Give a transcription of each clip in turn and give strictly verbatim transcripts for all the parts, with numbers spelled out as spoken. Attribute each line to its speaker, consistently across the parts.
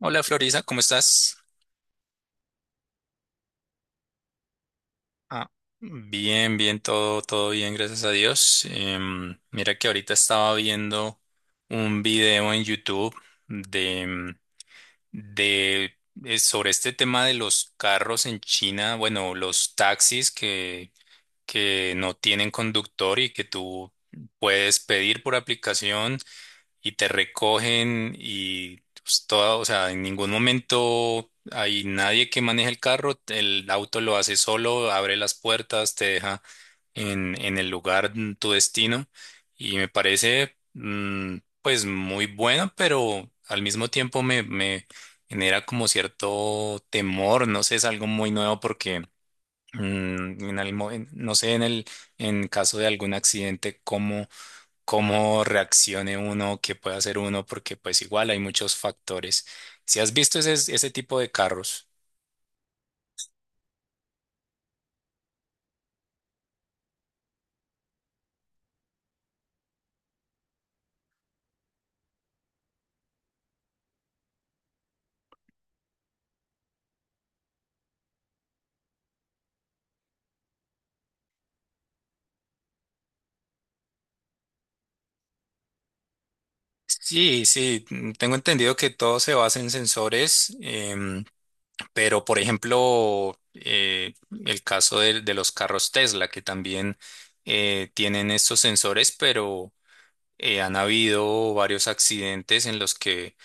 Speaker 1: Hola Florisa, ¿cómo estás? Ah, bien, bien, todo, todo bien, gracias a Dios. Em, mira que ahorita estaba viendo un video en YouTube de, em, de eh, sobre este tema de los carros en China, bueno, los taxis que, que no tienen conductor y que tú puedes pedir por aplicación y te recogen y pues, toda, o sea, en ningún momento hay nadie que maneje el carro, el auto lo hace solo, abre las puertas, te deja en, en el lugar, mm, tu destino. Y me parece mm, pues muy bueno, pero al mismo tiempo me, me genera como cierto temor, no sé, es algo muy nuevo porque... mm, En el, mo- en- no sé, en el en caso de algún accidente, cómo, cómo reaccione uno, qué puede hacer uno, porque pues igual hay muchos factores. Si has visto ese, ese tipo de carros. Sí, sí, mm, tengo entendido que todo se basa en sensores, em, pero por ejemplo, eh, el caso de, de los carros Tesla, que también eh, tienen estos sensores, pero eh, han habido varios accidentes en los que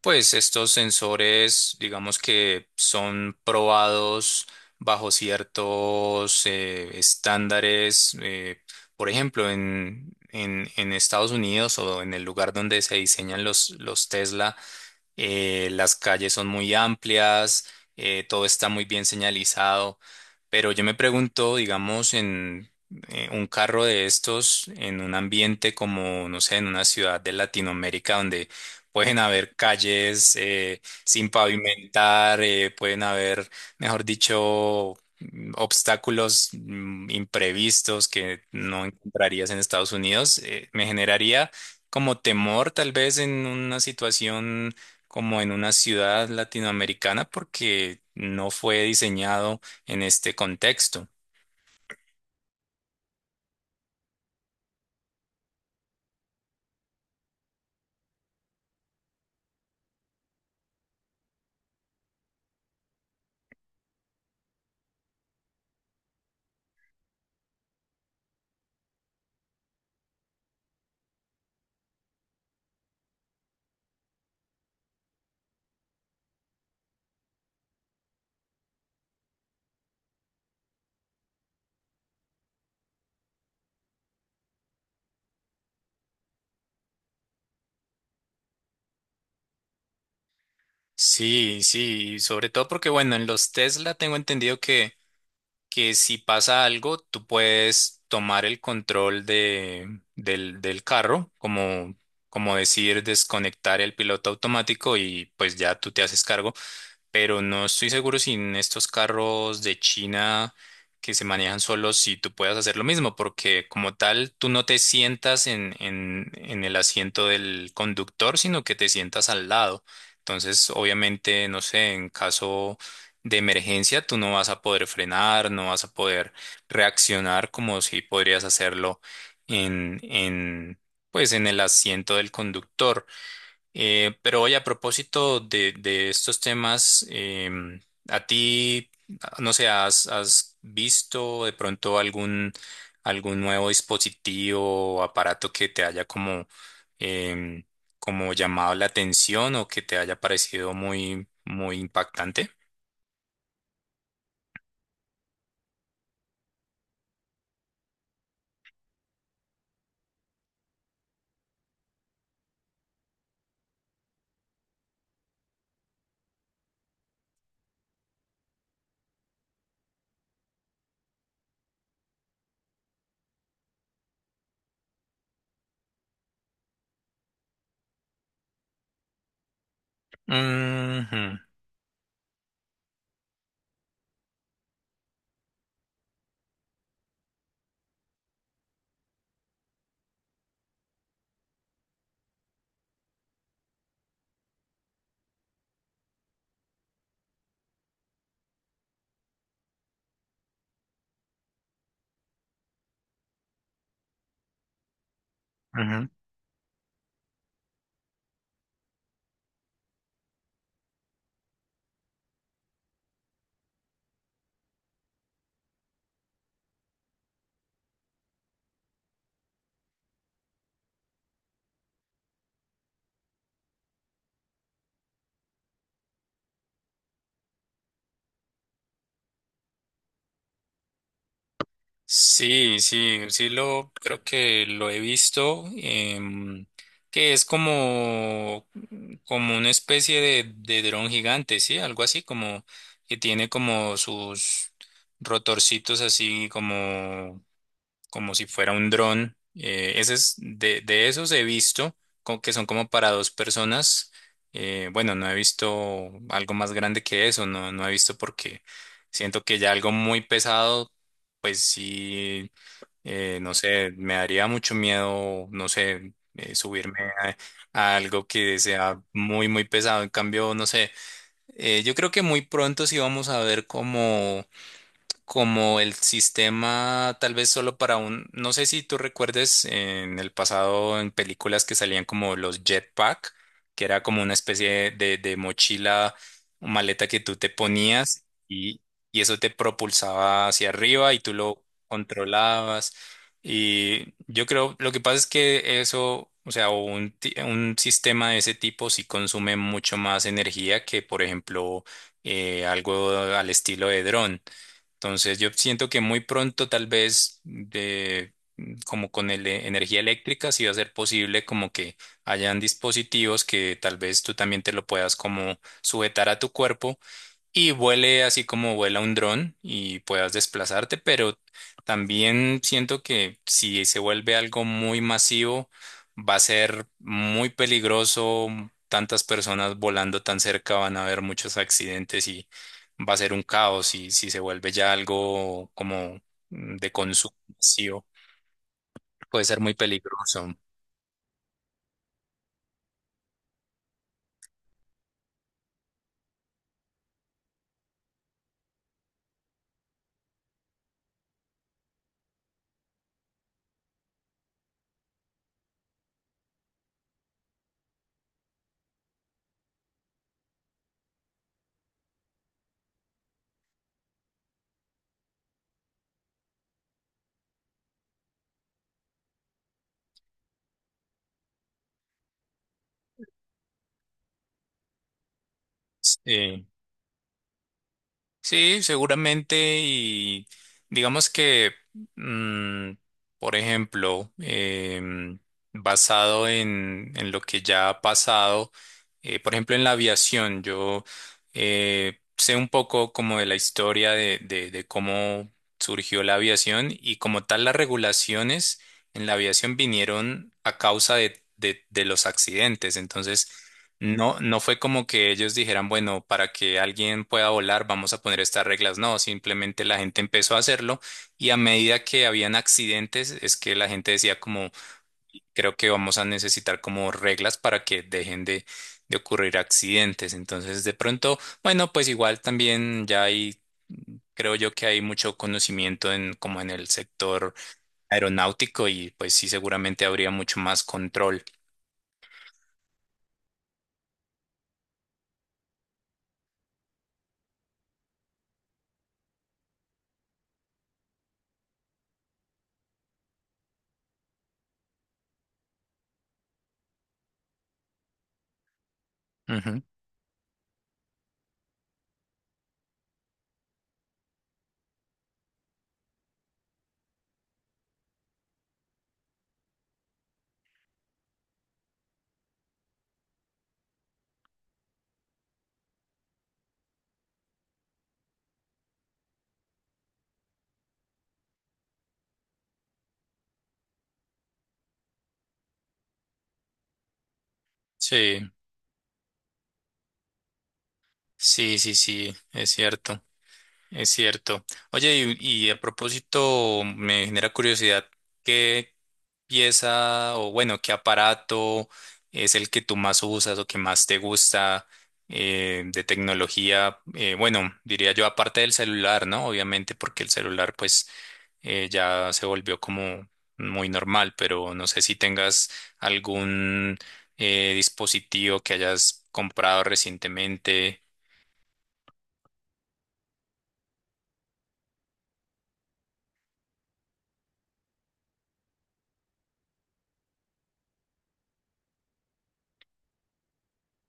Speaker 1: pues estos sensores, digamos, que son probados bajo ciertos eh, estándares. Eh, por ejemplo, en, en, en Estados Unidos o en el lugar donde se diseñan los, los Tesla, eh, las calles son muy amplias, eh, todo está muy bien señalizado, pero yo me pregunto, digamos, en eh, un carro de estos, en un ambiente como, no sé, en una ciudad de Latinoamérica donde pueden haber calles eh, sin pavimentar, eh, pueden haber, mejor dicho, mm, obstáculos mm, imprevistos que no encontrarías en Estados Unidos. Eh, me generaría como temor tal vez en una situación como en una ciudad latinoamericana porque no fue diseñado en este contexto. Sí, sí, sobre todo porque, bueno, en los Tesla tengo entendido que, que si pasa algo, tú puedes tomar el control de, del, del carro, como, como decir, desconectar el piloto automático y pues ya tú te haces cargo. Pero no estoy seguro si en estos carros de China que se manejan solos, si tú puedas hacer lo mismo, porque como tal, tú no te sientas en, en, en el asiento del conductor, sino que te sientas al lado. Entonces, obviamente, no sé, en caso de emergencia, tú no vas a poder frenar, no vas a poder reaccionar como si podrías hacerlo en, en, pues, en el asiento del conductor. Eh, pero oye, a propósito de, de estos temas, em, ¿a ti, no sé, has, has visto de pronto algún, algún nuevo dispositivo o aparato que te haya como, em, como llamado la atención o que te haya parecido muy, muy impactante? Ujú, ujú. Sí, sí, sí lo creo que lo he visto, em, que es como, como una especie de, de dron gigante, sí, algo así como que tiene como sus rotorcitos así como como si fuera un dron. Eh, ese es, de, de esos he visto como que son como para dos personas. Eh, bueno, no he visto algo más grande que eso, no, no he visto porque siento que ya algo muy pesado, pues sí, eh, no sé, me daría mucho miedo, no sé, eh, subirme a, a algo que sea muy, muy pesado. En cambio, no sé, eh, yo creo que muy pronto sí vamos a ver como como el sistema tal vez solo para un, no sé si tú recuerdes en el pasado en películas que salían como los jetpack, que era como una especie de, de mochila o maleta que tú te ponías y, y eso te propulsaba hacia arriba y tú lo controlabas. Y yo creo, lo que pasa es que eso, o sea, o un, ti- un sistema de ese tipo sí consume mucho más energía que, por ejemplo, eh, algo al estilo de dron. Entonces yo siento que muy pronto tal vez de como con el- eh, energía eléctrica sí va a ser posible como que hayan dispositivos que tal vez tú también te lo puedas como sujetar a tu cuerpo y vuele así como vuela un dron y puedas desplazarte, pero también siento que si se vuelve algo muy masivo, va a ser muy peligroso. Tantas personas volando tan cerca van a haber muchos accidentes y va a ser un caos. Y si se vuelve ya algo como mm, de consumo masivo, puede ser muy peligroso. Sí. Sí, seguramente. Y digamos que, mm, por ejemplo, em, basado en, en lo que ya ha pasado, eh, por ejemplo, en la aviación, yo eh, sé un poco como de la historia de, de, de cómo surgió la aviación. Y como tal las regulaciones en la aviación vinieron a causa de, de, de los accidentes. Entonces, no, no fue como que ellos dijeran, bueno, para que alguien pueda volar, vamos a poner estas reglas. No, simplemente la gente empezó a hacerlo y a medida que habían accidentes, es que la gente decía como, creo que vamos a necesitar como reglas para que dejen de, de ocurrir accidentes. Entonces, de pronto, bueno, pues igual también ya hay, creo yo, que hay mucho conocimiento en como en el sector aeronáutico. Y pues sí, seguramente habría mucho más control. Ujú. Sí. Sí, sí, sí, es cierto, es cierto. Oye, y, y a propósito, me genera curiosidad, ¿qué pieza o bueno, qué aparato es el que tú más usas o que más te gusta eh, de tecnología? Eh, bueno, diría yo aparte del celular, ¿no? Obviamente porque el celular pues eh, ya se volvió como muy normal, pero no sé si tengas algún eh, dispositivo que hayas comprado recientemente.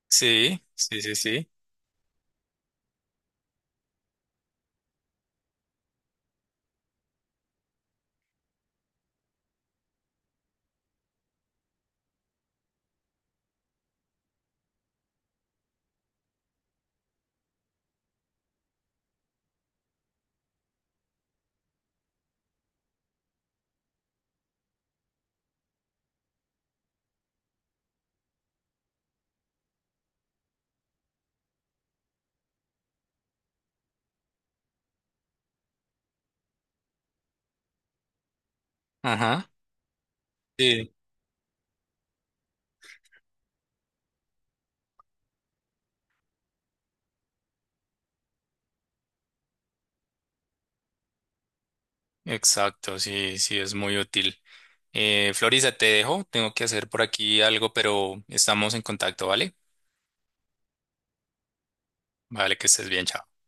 Speaker 1: Sí, sí, sí, sí. Ajá. Sí, exacto, sí, sí, es muy útil. Eh, Florisa, te dejo, tengo que hacer por aquí algo, pero estamos en contacto, ¿vale? Vale, que estés bien, chao.